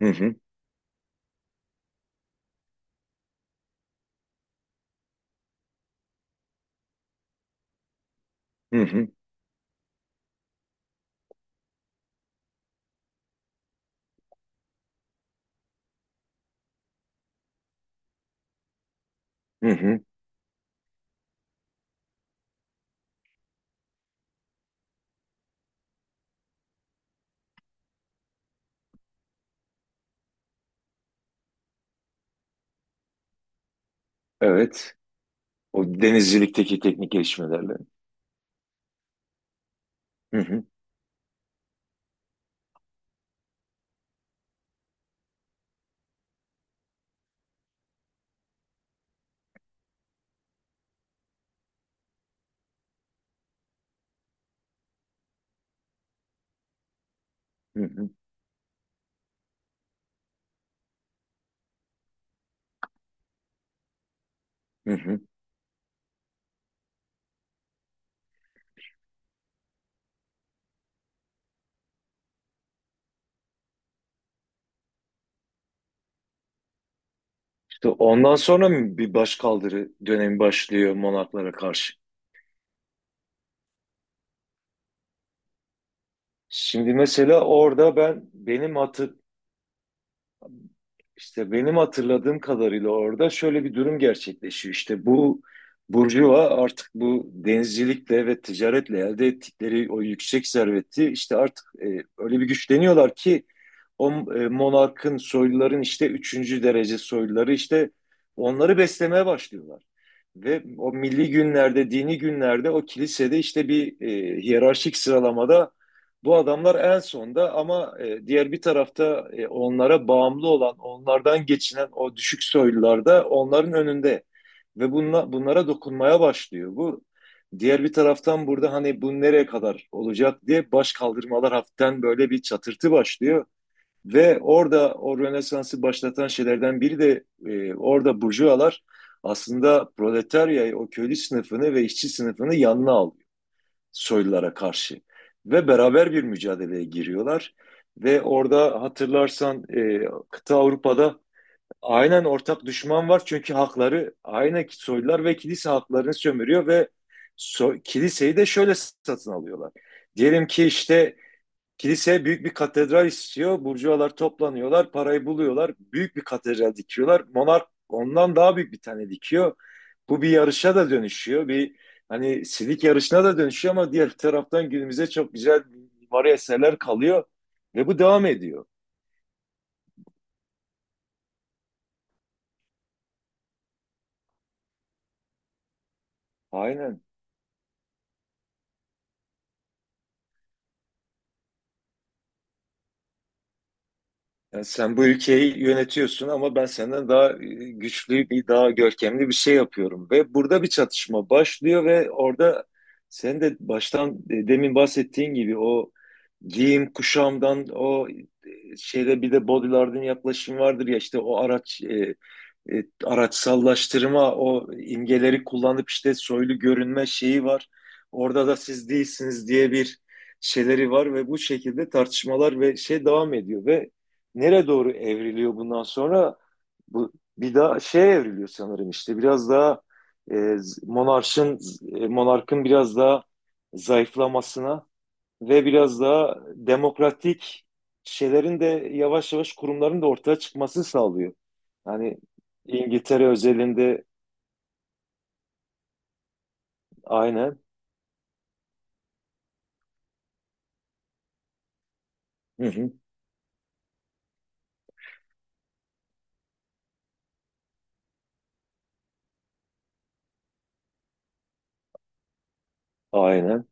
Hı hı, hı hı, hı hı. Evet. O denizcilikteki teknik gelişmelerle. Hı hı, hı hı, hı hı. İşte ondan sonra mı bir başkaldırı dönemi başlıyor Monaklara karşı? Şimdi mesela orada İşte benim hatırladığım kadarıyla orada şöyle bir durum gerçekleşiyor. İşte bu burjuva artık bu denizcilikle ve ticaretle elde ettikleri o yüksek serveti işte artık öyle bir güçleniyorlar ki o monarkın soyluların işte üçüncü derece soyluları işte onları beslemeye başlıyorlar. Ve o milli günlerde, dini günlerde o kilisede işte bir hiyerarşik sıralamada bu adamlar en sonda ama diğer bir tarafta onlara bağımlı olan, onlardan geçinen o düşük soylular da onların önünde ve bunlara dokunmaya başlıyor. Bu diğer bir taraftan burada hani bu nereye kadar olacak diye baş kaldırmalar hafiften böyle bir çatırtı başlıyor ve orada o Rönesans'ı başlatan şeylerden biri de orada burjuvalar aslında proletaryayı, o köylü sınıfını ve işçi sınıfını yanına alıyor soylulara karşı ve beraber bir mücadeleye giriyorlar. Ve orada hatırlarsan kıta Avrupa'da aynen ortak düşman var çünkü hakları aynen soylular ve kilise haklarını sömürüyor ve kiliseyi de şöyle satın alıyorlar. Diyelim ki işte kilise büyük bir katedral istiyor. Burjuvalar toplanıyorlar, parayı buluyorlar. Büyük bir katedral dikiyorlar. Monark ondan daha büyük bir tane dikiyor. Bu bir yarışa da dönüşüyor. Bir hani silik yarışına da dönüşüyor ama diğer taraftan günümüze çok güzel mimari eserler kalıyor ve bu devam ediyor. Aynen. Yani sen bu ülkeyi yönetiyorsun ama ben senden daha güçlü bir, daha görkemli bir şey yapıyorum. Ve burada bir çatışma başlıyor ve orada sen de baştan demin bahsettiğin gibi o giyim kuşamdan o şeyde bir de bodylardın yaklaşım vardır ya işte o araç araçsallaştırma o imgeleri kullanıp işte soylu görünme şeyi var. Orada da siz değilsiniz diye bir şeyleri var ve bu şekilde tartışmalar ve şey devam ediyor ve nereye doğru evriliyor bundan sonra? Bu bir daha şey evriliyor sanırım işte biraz daha e, monarşın monarkın biraz daha zayıflamasına ve biraz daha demokratik şeylerin de yavaş yavaş kurumların da ortaya çıkması sağlıyor. Yani İngiltere özelinde aynen. Hı hı. Aynen.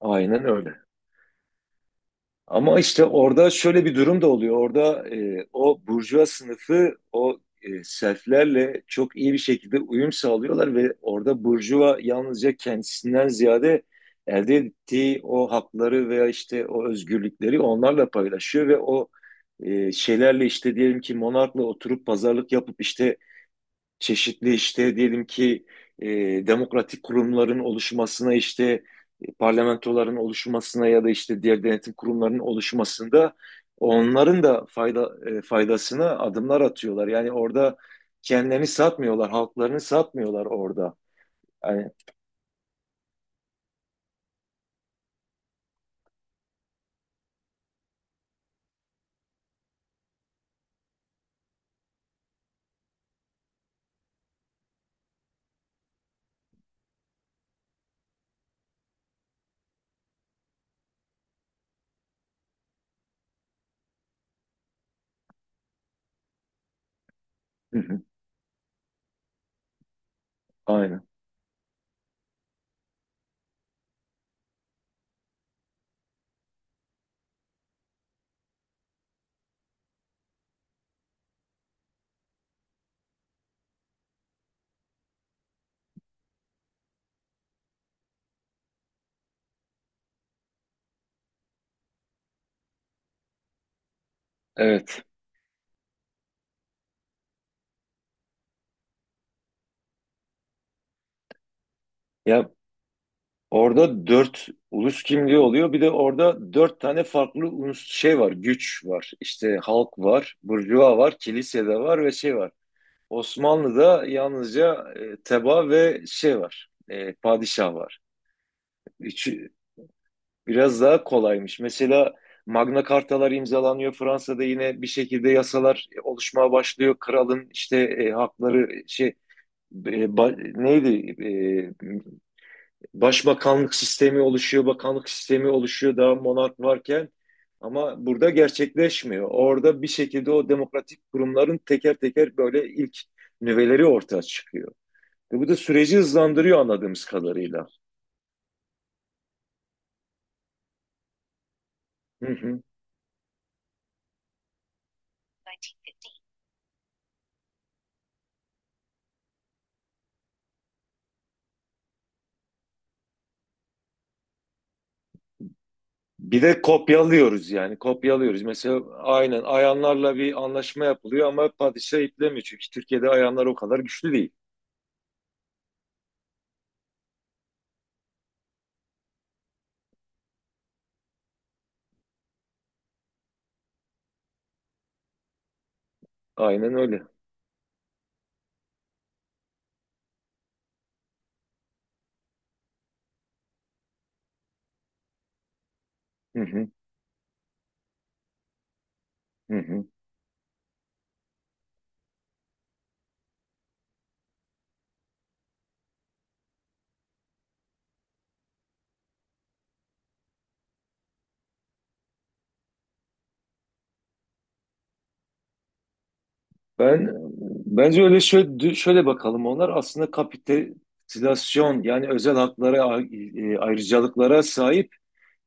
Aynen öyle. Ama işte orada şöyle bir durum da oluyor. Orada o burjuva sınıfı o selflerle çok iyi bir şekilde uyum sağlıyorlar ve orada burjuva yalnızca kendisinden ziyade elde ettiği o hakları veya işte o özgürlükleri onlarla paylaşıyor ve o şeylerle işte diyelim ki monarkla oturup pazarlık yapıp işte çeşitli işte diyelim ki e, demokratik kurumların oluşmasına işte parlamentoların oluşmasına ya da işte diğer denetim kurumlarının oluşmasında onların da faydasına adımlar atıyorlar. Yani orada kendilerini satmıyorlar, halklarını satmıyorlar orada. Yani, hı hı, aynen. Evet. Ya orada dört ulus kimliği oluyor. Bir de orada dört tane farklı ulus şey var, güç var. İşte halk var, burjuva var, kilise de var ve şey var. Osmanlı'da yalnızca teba ve şey var. Padişah var. Üçü biraz daha kolaymış. Mesela Magna Cartalar imzalanıyor. Fransa'da yine bir şekilde yasalar oluşmaya başlıyor. Kralın işte hakları şey neydi? Başbakanlık sistemi oluşuyor, bakanlık sistemi oluşuyor daha monark varken ama burada gerçekleşmiyor. Orada bir şekilde o demokratik kurumların teker teker böyle ilk nüveleri ortaya çıkıyor. Ve bu da süreci hızlandırıyor anladığımız kadarıyla. Hı hı. Bir de kopyalıyoruz yani kopyalıyoruz. Mesela aynen ayanlarla bir anlaşma yapılıyor ama padişah iplemiyor. Çünkü Türkiye'de ayanlar o kadar güçlü değil. Aynen öyle. Hı hı, hı hı. Ben bence öyle şöyle bakalım onlar aslında kapitülasyon yani özel haklara ayrıcalıklara sahip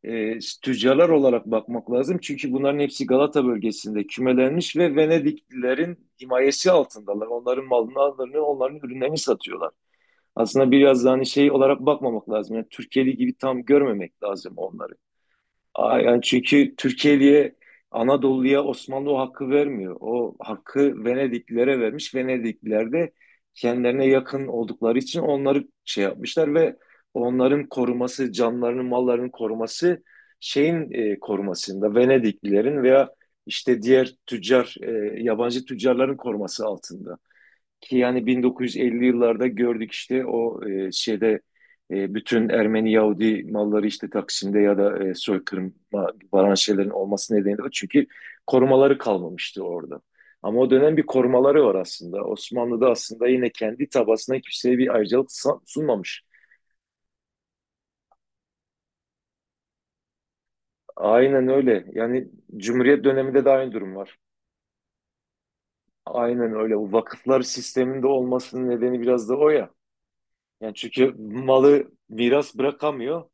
tüccarlar olarak bakmak lazım. Çünkü bunların hepsi Galata bölgesinde kümelenmiş ve Venediklilerin himayesi altındalar. Onların mallarını, onların ürünlerini satıyorlar. Aslında biraz daha hani şey olarak bakmamak lazım. Yani Türkiye'li gibi tam görmemek lazım onları. Aa, yani çünkü Türkiye'liye Anadolu'ya Osmanlı o hakkı vermiyor. O hakkı Venediklilere vermiş. Venedikliler de kendilerine yakın oldukları için onları şey yapmışlar ve onların koruması, canlarının, mallarının koruması şeyin korumasında Venediklilerin veya işte diğer yabancı tüccarların koruması altında. Ki yani 1950 yıllarda gördük işte o şeyde bütün Ermeni Yahudi malları işte Taksim'de ya da soykırıma varan şeylerin olması nedeni de o. Çünkü korumaları kalmamıştı orada. Ama o dönem bir korumaları var aslında. Osmanlı'da aslında yine kendi tabasına kimseye bir ayrıcalık sunmamış. Aynen öyle. Yani Cumhuriyet döneminde de aynı durum var. Aynen öyle. Bu vakıflar sisteminde olmasının nedeni biraz da o ya. Yani çünkü malı miras bırakamıyor.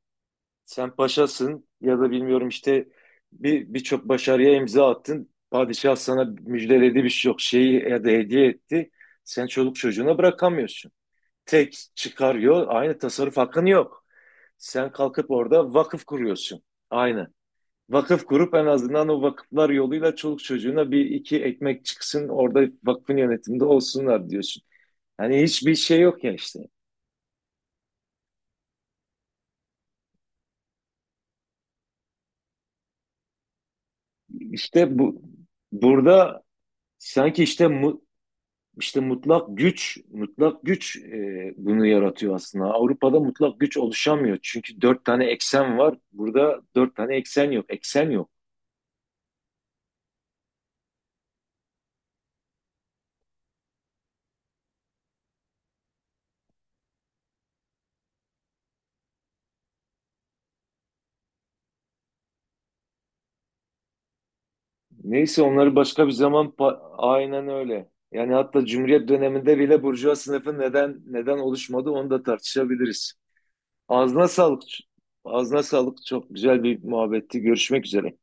Sen paşasın ya da bilmiyorum işte birçok başarıya imza attın. Padişah sana müjdeledi bir şey yok şeyi ya da hediye etti. Sen çoluk çocuğuna bırakamıyorsun. Tek çıkarıyor aynı tasarruf hakkın yok. Sen kalkıp orada vakıf kuruyorsun. Aynı. Vakıf kurup en azından o vakıflar yoluyla çoluk çocuğuna bir iki ekmek çıksın orada vakfın yönetiminde olsunlar diyorsun. Yani hiçbir şey yok ya işte. İşte bu burada sanki işte İşte mutlak güç, mutlak güç bunu yaratıyor aslında. Avrupa'da mutlak güç oluşamıyor. Çünkü dört tane eksen var. Burada dört tane eksen yok. Eksen yok. Neyse onları başka bir zaman aynen öyle. Yani hatta Cumhuriyet döneminde bile burjuva sınıfı neden oluşmadı onu da tartışabiliriz. Ağzına sağlık. Ağzına sağlık. Çok güzel bir muhabbetti. Görüşmek üzere.